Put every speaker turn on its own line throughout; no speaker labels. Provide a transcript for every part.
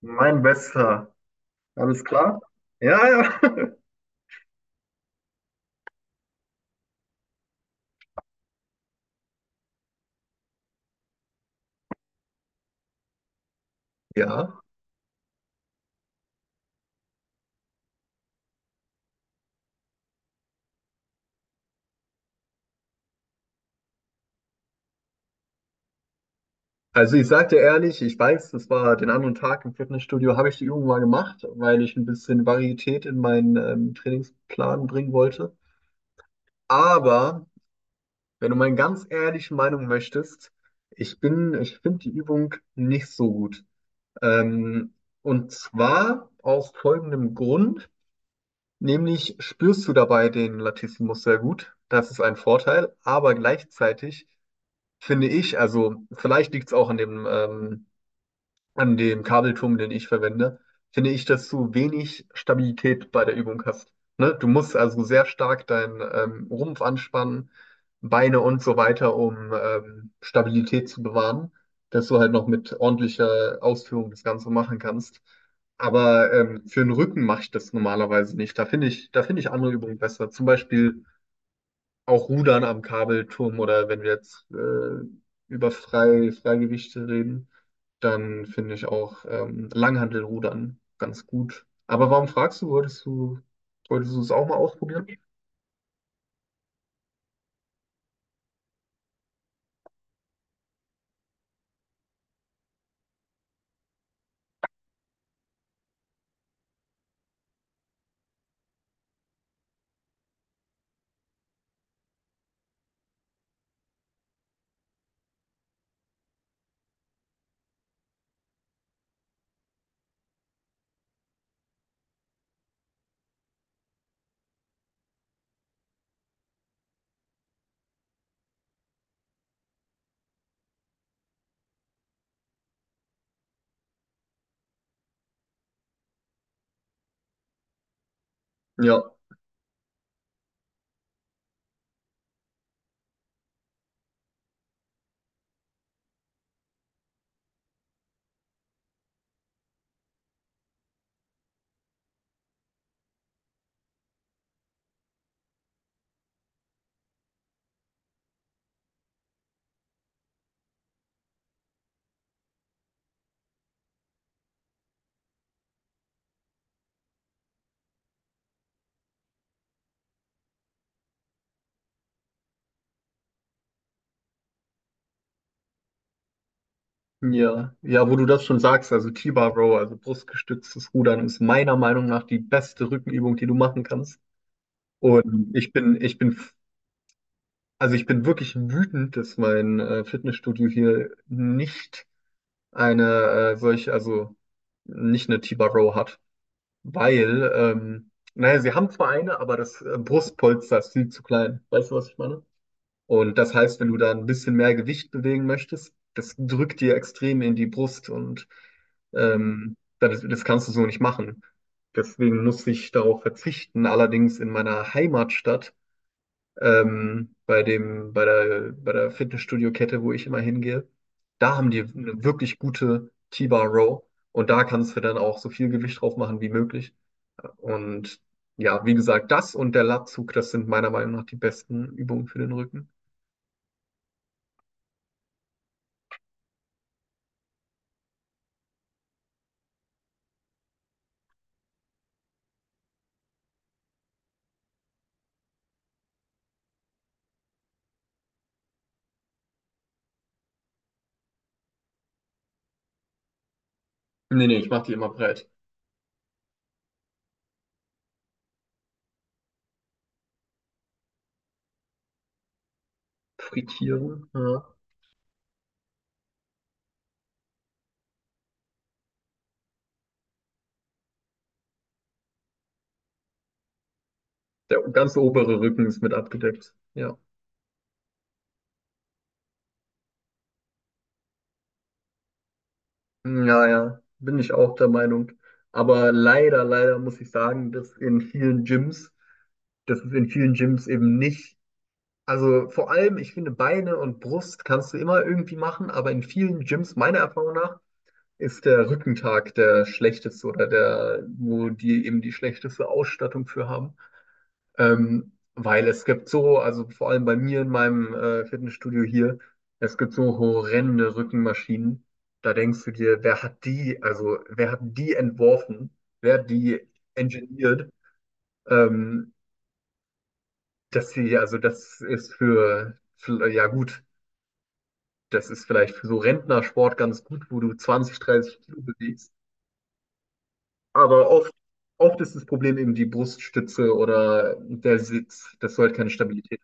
Mein Bester. Alles klar? Ja, ja. Ja. Also ich sag dir ehrlich, ich weiß, das war den anderen Tag im Fitnessstudio, habe ich die Übung mal gemacht, weil ich ein bisschen Varietät in meinen Trainingsplan bringen wollte. Aber wenn du meine ganz ehrliche Meinung möchtest, ich finde die Übung nicht so gut. Ähm, und zwar aus folgendem Grund. Nämlich spürst du dabei den Latissimus sehr gut. Das ist ein Vorteil, aber gleichzeitig finde ich, also vielleicht liegt es auch an dem Kabelturm, den ich verwende, finde ich, dass du wenig Stabilität bei der Übung hast. Ne? Du musst also sehr stark deinen Rumpf anspannen, Beine und so weiter, um Stabilität zu bewahren, dass du halt noch mit ordentlicher Ausführung das Ganze machen kannst. Aber für den Rücken mache ich das normalerweise nicht. Da finde ich andere Übungen besser. Zum Beispiel auch Rudern am Kabelturm oder wenn wir jetzt über Freigewichte reden, dann finde ich auch Langhantelrudern ganz gut. Aber warum fragst du, wolltest du es auch mal ausprobieren? Ja, ja, ja, wo du das schon sagst, also T-Bar Row, also brustgestütztes Rudern, ist meiner Meinung nach die beste Rückenübung, die du machen kannst. Und also ich bin wirklich wütend, dass mein Fitnessstudio hier nicht eine solche, also nicht eine T-Bar-Row hat. Weil, naja, sie haben zwar eine, aber das Brustpolster ist viel zu klein. Weißt du, was ich meine? Und das heißt, wenn du da ein bisschen mehr Gewicht bewegen möchtest, das drückt dir extrem in die Brust und das kannst du so nicht machen. Deswegen muss ich darauf verzichten. Allerdings in meiner Heimatstadt bei der Fitnessstudio-Kette, wo ich immer hingehe. Da haben die eine wirklich gute T-Bar Row und da kannst du dann auch so viel Gewicht drauf machen wie möglich. Und ja, wie gesagt, das und der Latzug, das sind meiner Meinung nach die besten Übungen für den Rücken. Nee, nee, ich mache die immer breit. Frittieren, ja. Der ganze obere Rücken ist mit abgedeckt. Ja. Hm, ja, ja, bin ich auch der Meinung. Aber leider, leider muss ich sagen, dass es in vielen Gyms eben nicht, also vor allem, ich finde, Beine und Brust kannst du immer irgendwie machen, aber in vielen Gyms, meiner Erfahrung nach, ist der Rückentag der schlechteste oder der, wo die eben die schlechteste Ausstattung für haben. Weil es gibt so, also vor allem bei mir in meinem Fitnessstudio hier, es gibt so horrende Rückenmaschinen. Da denkst du dir, also wer hat die entworfen? Wer hat die engineert? Ähm, Dass sie, also das ist ja gut, das ist vielleicht für so Rentnersport ganz gut, wo du 20, 30 Kilo bewegst. Aber oft, oft ist das Problem eben die Bruststütze oder der Sitz, dass du halt keine Stabilität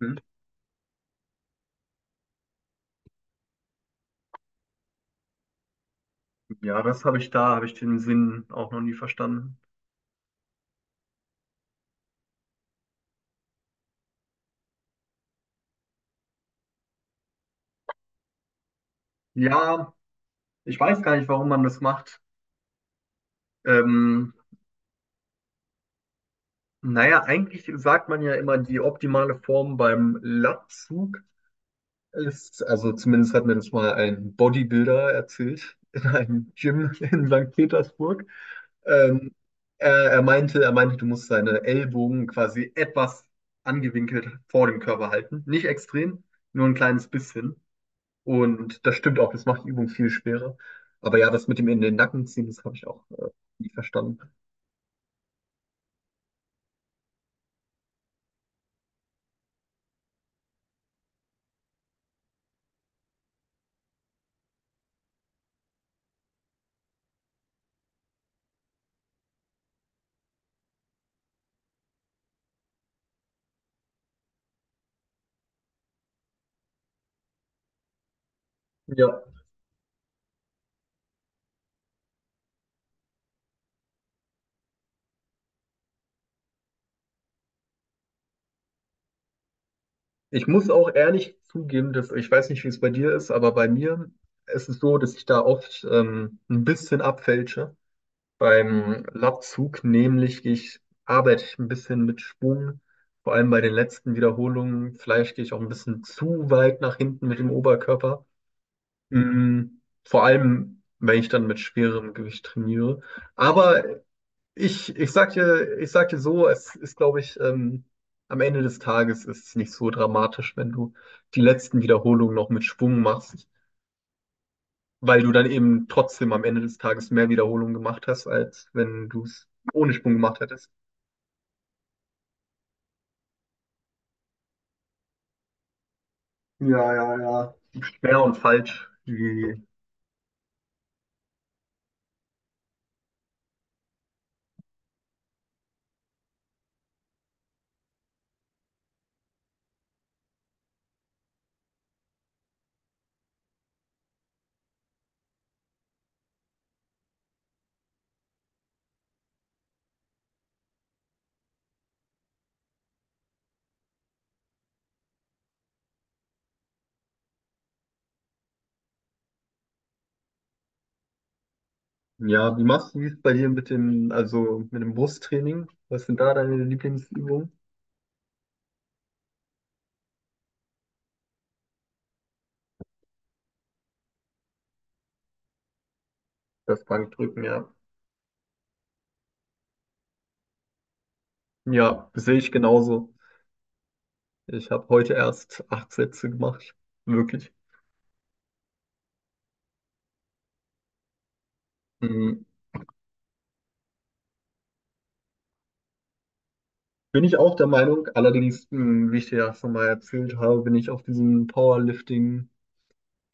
hast. Ja, das habe ich da, habe ich den Sinn auch noch nie verstanden. Ja, ich weiß gar nicht, warum man das macht. Ähm, naja, eigentlich sagt man ja immer, die optimale Form beim Latzug ist, also zumindest hat mir das mal ein Bodybuilder erzählt in einem Gym in St. Petersburg. Ähm, er meinte, du musst deine Ellbogen quasi etwas angewinkelt vor dem Körper halten. Nicht extrem, nur ein kleines bisschen. Und das stimmt auch, das macht die Übung viel schwerer. Aber ja, das mit dem in den Nacken ziehen, das habe ich auch nie verstanden. Ja, ich muss auch ehrlich zugeben, dass ich weiß nicht, wie es bei dir ist, aber bei mir ist es so, dass ich da oft ein bisschen abfälsche beim Latzug, nämlich gehe ich arbeite ich ein bisschen mit Schwung, vor allem bei den letzten Wiederholungen. Vielleicht gehe ich auch ein bisschen zu weit nach hinten mit dem Oberkörper. Mm, Vor allem, wenn ich dann mit schwerem Gewicht trainiere. Aber ich sag dir so, es ist, glaube ich, am Ende des Tages ist es nicht so dramatisch, wenn du die letzten Wiederholungen noch mit Schwung machst, weil du dann eben trotzdem am Ende des Tages mehr Wiederholungen gemacht hast, als wenn du es ohne Schwung gemacht hättest. Ja, ja, ja. Schwer und falsch. Wie, ja, wie machst du es bei dir mit dem, also mit dem Brusttraining? Was sind da deine Lieblingsübungen? Das Bankdrücken, ja. Ja, sehe ich genauso. Ich habe heute erst 8 Sätze gemacht. Wirklich. Mhm. Bin ich auch der Meinung, allerdings, mh, wie ich dir ja schon mal erzählt habe, bin ich auf diesem Powerlifting-Plan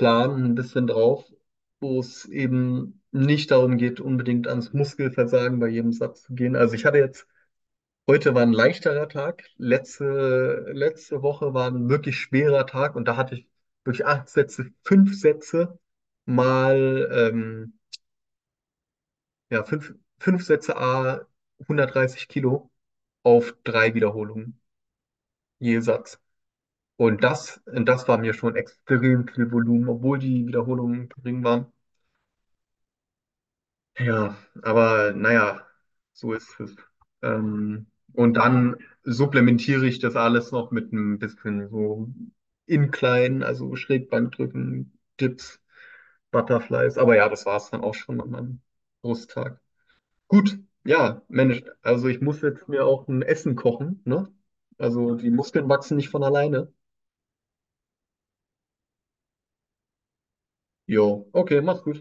ein bisschen drauf, wo es eben nicht darum geht, unbedingt ans Muskelversagen bei jedem Satz zu gehen. Also ich hatte jetzt, heute war ein leichterer Tag, letzte, letzte Woche war ein wirklich schwerer Tag und da hatte ich durch 8 Sätze, 5 Sätze mal ja, 5 Sätze a 130 Kilo auf 3 Wiederholungen je Satz. Und das war mir schon extrem viel Volumen, obwohl die Wiederholungen gering waren. Ja, aber naja, so ist es. Ähm, und dann supplementiere ich das alles noch mit ein bisschen so Incline, also Schrägbankdrücken, Dips, Butterflies. Aber ja, das war es dann auch schon an meinem Brusttag. Gut, ja, Mensch, also ich muss jetzt mir auch ein Essen kochen, ne? Also die Muskeln wachsen nicht von alleine. Jo, okay, mach's gut.